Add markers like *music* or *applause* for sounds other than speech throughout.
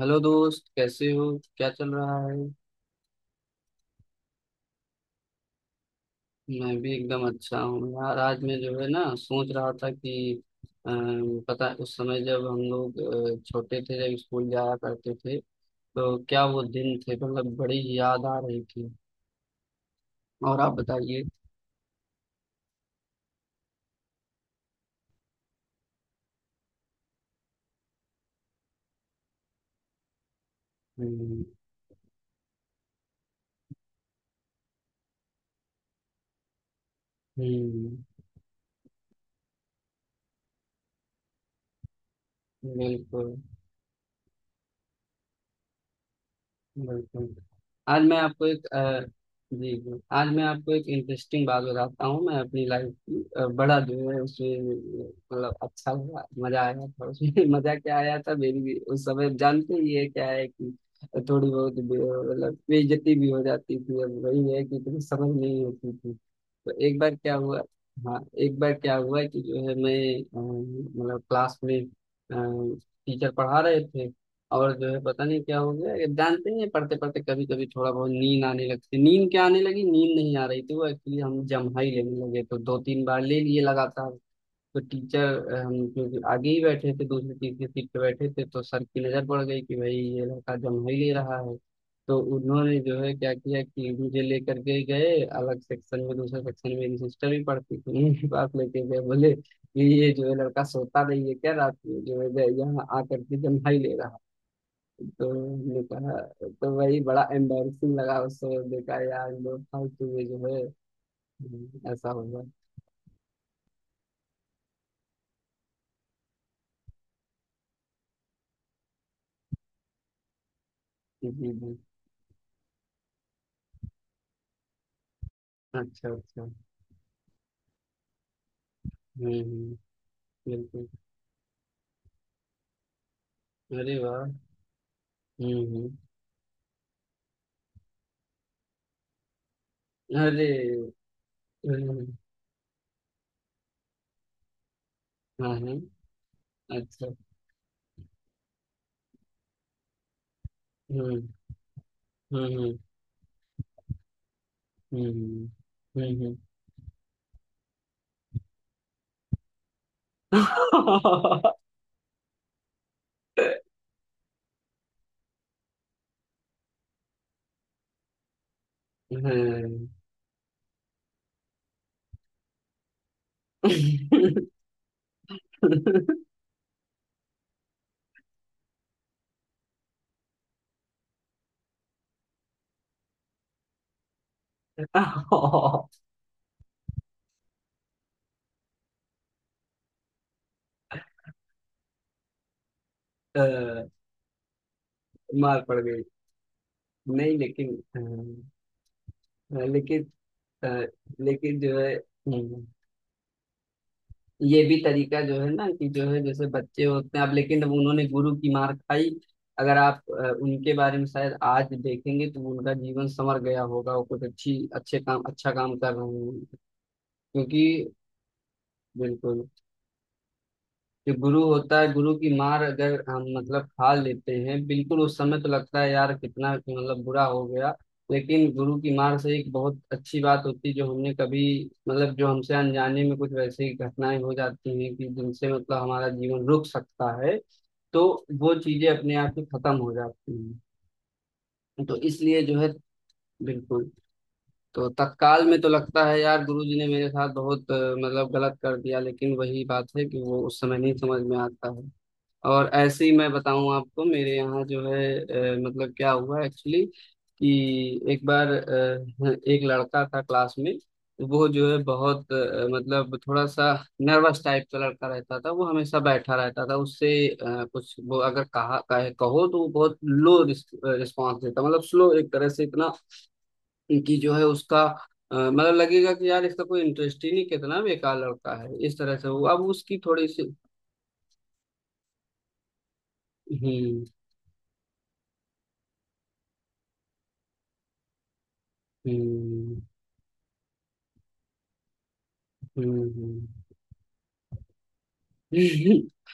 Hello दोस्त, कैसे हो? क्या चल रहा है? मैं भी एकदम अच्छा हूँ यार। आज मैं जो है ना सोच रहा था कि, अ, पता है, उस समय जब हम लोग छोटे थे, जब स्कूल जाया करते थे, तो क्या वो दिन थे। मतलब बड़ी याद आ रही थी। और आप बताइए। हम्म। हम्म। बिल्कुल। बिल्कुल। आज मैं आपको एक जी जी, आज मैं आपको एक इंटरेस्टिंग बात बताता हूँ। मैं अपनी लाइफ की बड़ा जो है उसमें मतलब अच्छा हुआ, मजा आया था उसमें। *laughs* मजा क्या आया था। मेरी भी उस समय जानते ही है क्या है कि थोड़ी बहुत मतलब बेइज्जती भी हो जाती थी। अब वही है कि इतनी समझ नहीं होती थी। तो एक बार क्या हुआ। हाँ, एक बार क्या हुआ कि जो है मैं अम, मतलब क्लास में टीचर पढ़ा रहे थे, और जो है पता नहीं क्या हो गया, ये जानते ही हैं पढ़ते पढ़ते कभी कभी थोड़ा बहुत नींद आने लगती। नींद क्या आने लगी, नींद नहीं आ रही थी, वो एक्चुअली हम जम्हाई लेने लगे, तो दो तीन बार ले लिए लगातार। तो टीचर, हम क्योंकि आगे ही बैठे थे, दूसरी तीसरी सीट पे बैठे थे, तो सर की नजर पड़ गई कि भाई ये लड़का जम ही ले रहा है। तो उन्होंने जो है क्या किया कि मुझे लेकर के गए अलग सेक्शन में, दूसरे सेक्शन में मेरी सिस्टर भी पढ़ती थी *laughs* उनके पास लेके गए, बोले कि ये जो है लड़का सोता नहीं है क्या रात में, जो है गए यहाँ आकर के जम्हा ही ले रहा है। तो हमने कहा, तो वही बड़ा एम्बेरसिंग लगा उस समय। देखा यार, लोग फालतू में जो है। ऐसा हुआ। जी जी। अच्छा अच्छा। हम्म। हम्म। बिल्कुल। अरे वाह! हुँ, हुँ। अरे! हुँ, हाँ, हाँ। अच्छा। हुँ, हुँ, हुँ, हुँ, हुँ। हुँ, हुँ। हाँ। *laughs* अ, मार पड़ गई। नहीं लेकिन। हाँ, लेकिन अ, लेकिन जो है हुँ। ये भी तरीका जो है ना कि जो है जैसे बच्चे होते हैं, अब लेकिन अब उन्होंने गुरु की मार खाई। अगर आप उनके बारे में शायद आज देखेंगे तो उनका जीवन संवर गया होगा, वो कुछ अच्छी अच्छे काम, अच्छा काम कर रहे हैं। क्योंकि। बिल्कुल। जो गुरु होता है, गुरु की मार अगर हम मतलब खा लेते हैं, बिल्कुल उस समय तो लगता है यार कितना मतलब बुरा हो गया। लेकिन गुरु की मार से एक बहुत अच्छी बात होती है, जो हमने कभी मतलब जो हमसे अनजाने में कुछ वैसी घटनाएं हो जाती हैं कि जिनसे मतलब हमारा जीवन रुक सकता है, तो वो चीजें अपने आप ही खत्म हो जाती हैं। तो इसलिए जो है, बिल्कुल। तो तत्काल में तो लगता है यार गुरुजी ने मेरे साथ बहुत मतलब गलत कर दिया, लेकिन वही बात है कि वो उस समय नहीं समझ में आता है। और ऐसे ही मैं बताऊं आपको, मेरे यहाँ जो है मतलब क्या हुआ एक्चुअली, कि एक बार *laughs* एक लड़का था क्लास में। वो जो है बहुत मतलब थोड़ा सा नर्वस टाइप का लड़का रहता था। वो हमेशा बैठा रहता था, उससे कुछ वो अगर कहा कहे कहो तो वो बहुत लो रिस्पॉन्स देता, मतलब स्लो एक तरह से इतना कि जो है उसका मतलब लगेगा कि यार इसका कोई इंटरेस्ट ही नहीं, कितना बेकार लड़का है, इस तरह से वो अब उसकी थोड़ी सी। हम्म। हम्म। हम्म। हम्म। *laughs*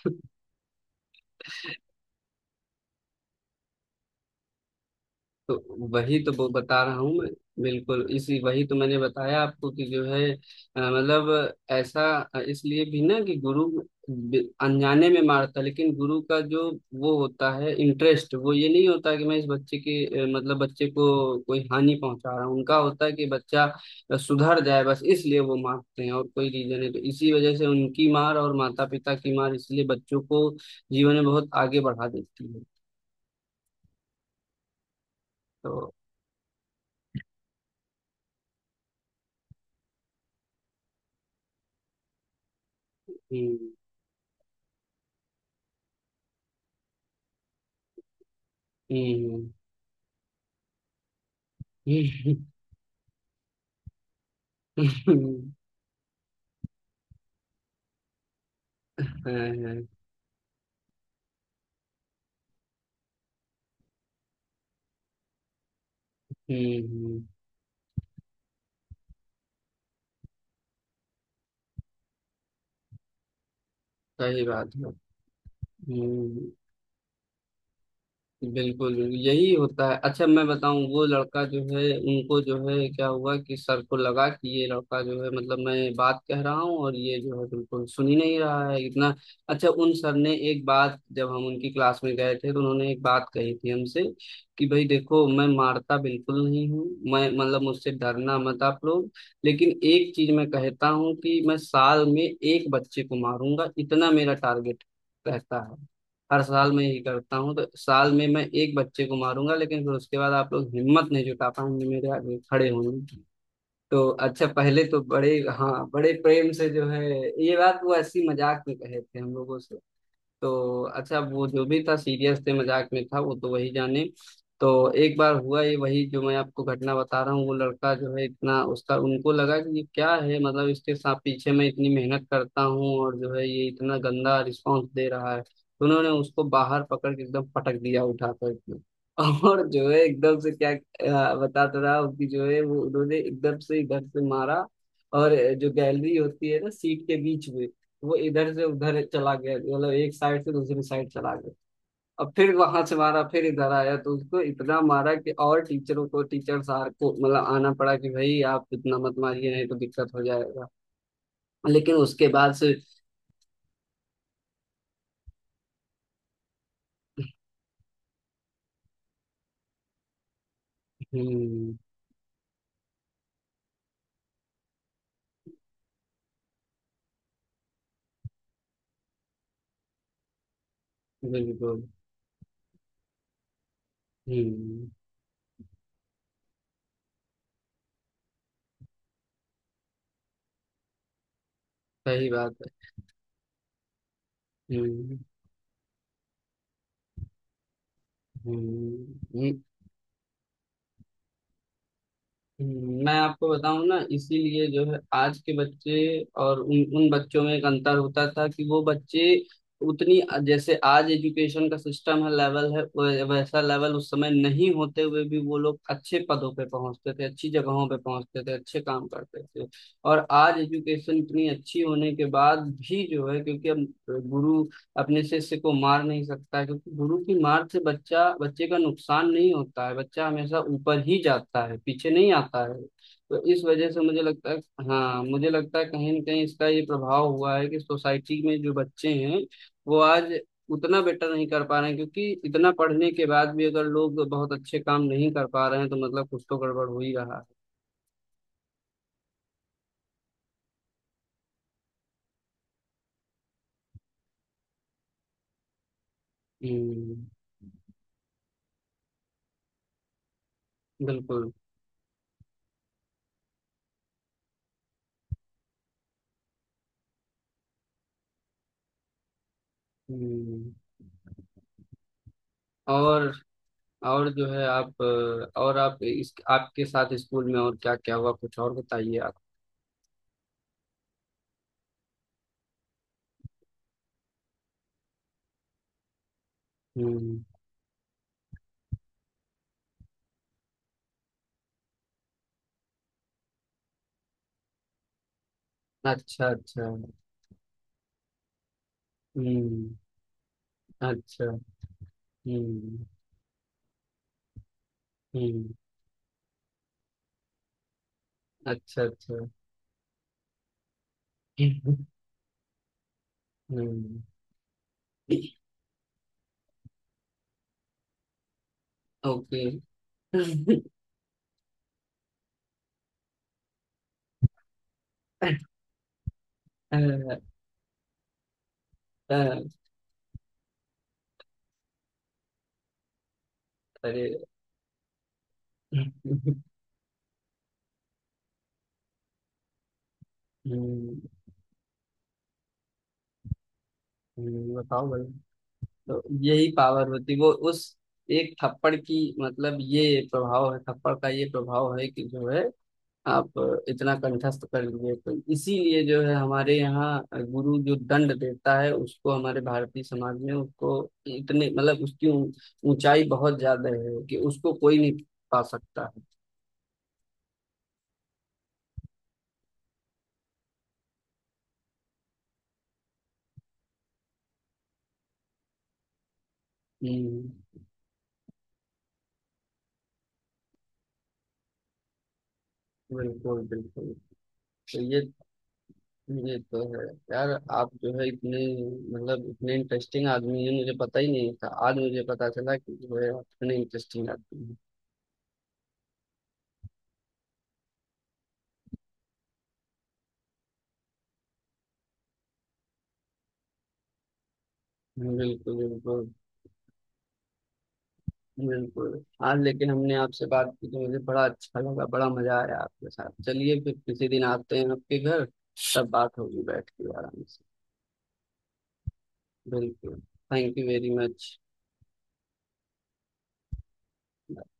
तो वही तो वो बता रहा हूँ मैं। बिल्कुल इसी, वही तो मैंने बताया आपको कि जो है मतलब ऐसा इसलिए भी ना कि गुरु अनजाने में मारता, लेकिन गुरु का जो वो होता है इंटरेस्ट, वो ये नहीं होता कि मैं इस बच्चे के मतलब बच्चे को कोई हानि पहुंचा रहा हूँ, उनका होता है कि बच्चा सुधर जाए, बस इसलिए वो मारते हैं, और कोई रीजन है, तो इसी वजह से उनकी मार और माता पिता की मार इसलिए बच्चों को जीवन में बहुत आगे बढ़ा देती है। तो हम्म। हम्म। हम्म, हाँ, हाँ, हम्म, सही बात है। हम्म। बिल्कुल बिल्कुल, यही होता है। अच्छा मैं बताऊं, वो लड़का जो है उनको जो है क्या हुआ कि सर को लगा कि ये लड़का जो है मतलब मैं बात कह रहा हूँ और ये जो है बिल्कुल सुन ही नहीं रहा है इतना। अच्छा, उन सर ने एक बात, जब हम उनकी क्लास में गए थे तो उन्होंने एक बात कही थी हमसे, कि भाई देखो, मैं मारता बिल्कुल नहीं हूँ, मैं मतलब मुझसे डरना मत आप लोग। लेकिन एक चीज मैं कहता हूँ कि मैं साल में एक बच्चे को मारूंगा, इतना मेरा टारगेट रहता है। हर साल मैं ये करता हूँ, तो साल में मैं एक बच्चे को मारूंगा लेकिन फिर उसके बाद आप लोग हिम्मत नहीं जुटा पाएंगे मेरे आगे खड़े होंगे। तो अच्छा पहले तो बड़े, हाँ बड़े प्रेम से जो है, ये बात वो ऐसी मजाक में कहे थे हम लोगों से। तो अच्छा वो जो भी था, सीरियस थे मजाक में था वो तो वही जाने। तो एक बार हुआ ये वही जो मैं आपको घटना बता रहा हूँ। वो लड़का जो है इतना उसका उनको लगा कि ये क्या है, मतलब इसके साथ पीछे मैं इतनी मेहनत करता हूँ और जो है ये इतना गंदा रिस्पॉन्स दे रहा है, तो उन्होंने उसको बाहर पकड़ के एकदम पटक दिया, उठाकर एकदम *laughs* और जो है एकदम से क्या बताता रहा उसकी जो है वो, उन्होंने एकदम से इधर से मारा। और जो गैलरी होती है ना सीट के बीच में, वो इधर से उधर चला गया, मतलब एक साइड से दूसरी साइड चला गया। अब फिर वहां से मारा फिर इधर आया, तो उसको इतना मारा कि और टीचरों को, टीचर सार को मतलब आना पड़ा कि भाई आप इतना मत मारिए नहीं तो दिक्कत हो जाएगा। लेकिन उसके बाद से, हम्म। बिल्कुल। हम्म। सही बात है। हम्म। हम्म। मैं आपको बताऊं ना, इसीलिए जो है आज के बच्चे और उन उन बच्चों में एक अंतर होता था कि वो बच्चे उतनी, जैसे आज एजुकेशन का सिस्टम है लेवल है वैसा लेवल उस समय नहीं होते हुए भी वो लोग अच्छे पदों पे पहुंचते थे, अच्छी जगहों पे पहुंचते थे, अच्छे काम करते थे। और आज एजुकेशन इतनी अच्छी होने के बाद भी जो है, क्योंकि अब गुरु अपने शिष्य को मार नहीं सकता है, क्योंकि गुरु की मार से बच्चा, बच्चे का नुकसान नहीं होता है, बच्चा हमेशा ऊपर ही जाता है, पीछे नहीं आता है। तो इस वजह से मुझे लगता है, हाँ मुझे लगता है कहीं ना कहीं इसका ये प्रभाव हुआ है कि सोसाइटी में जो बच्चे हैं वो आज उतना बेटर नहीं कर पा रहे हैं, क्योंकि इतना पढ़ने के बाद भी अगर लोग बहुत अच्छे काम नहीं कर पा रहे हैं तो मतलब कुछ तो गड़बड़ हो ही रहा है। हम्म। बिल्कुल। हम्म। और और जो है आप और आप, इस आपके साथ स्कूल में और क्या क्या हुआ, कुछ और बताइए आप। हम्म। अच्छा अच्छा। हम्म। अच्छा। हम्म। हम्म। अच्छा अच्छा। हम्म। ओके। अ, अ, अरे! हम्म, बताओ भाई। तो यही पावर होती है। वो उस एक थप्पड़ की, मतलब ये प्रभाव है, थप्पड़ का ये प्रभाव है कि जो है आप इतना कंठस्थ कर लिए। तो इसीलिए जो है हमारे यहाँ गुरु जो दंड देता है, उसको हमारे भारतीय समाज में उसको इतने मतलब उसकी ऊंचाई बहुत ज्यादा है कि उसको कोई नहीं पा सकता है। हम्म, बिल्कुल बिल्कुल। तो ये तो है यार, आप जो है इतने मतलब इतने इंटरेस्टिंग आदमी हैं, मुझे पता ही नहीं था, आज मुझे पता चला कि जो है आप इतने इंटरेस्टिंग आदमी हैं। बिल्कुल बिल्कुल। बिल्कुल। आज लेकिन हमने आपसे बात की तो मुझे बड़ा अच्छा लगा, बड़ा मजा आया आपके साथ। चलिए फिर किसी दिन आते हैं आपके घर, तब बात होगी बैठ के आराम से। बिल्कुल। Thank you very much.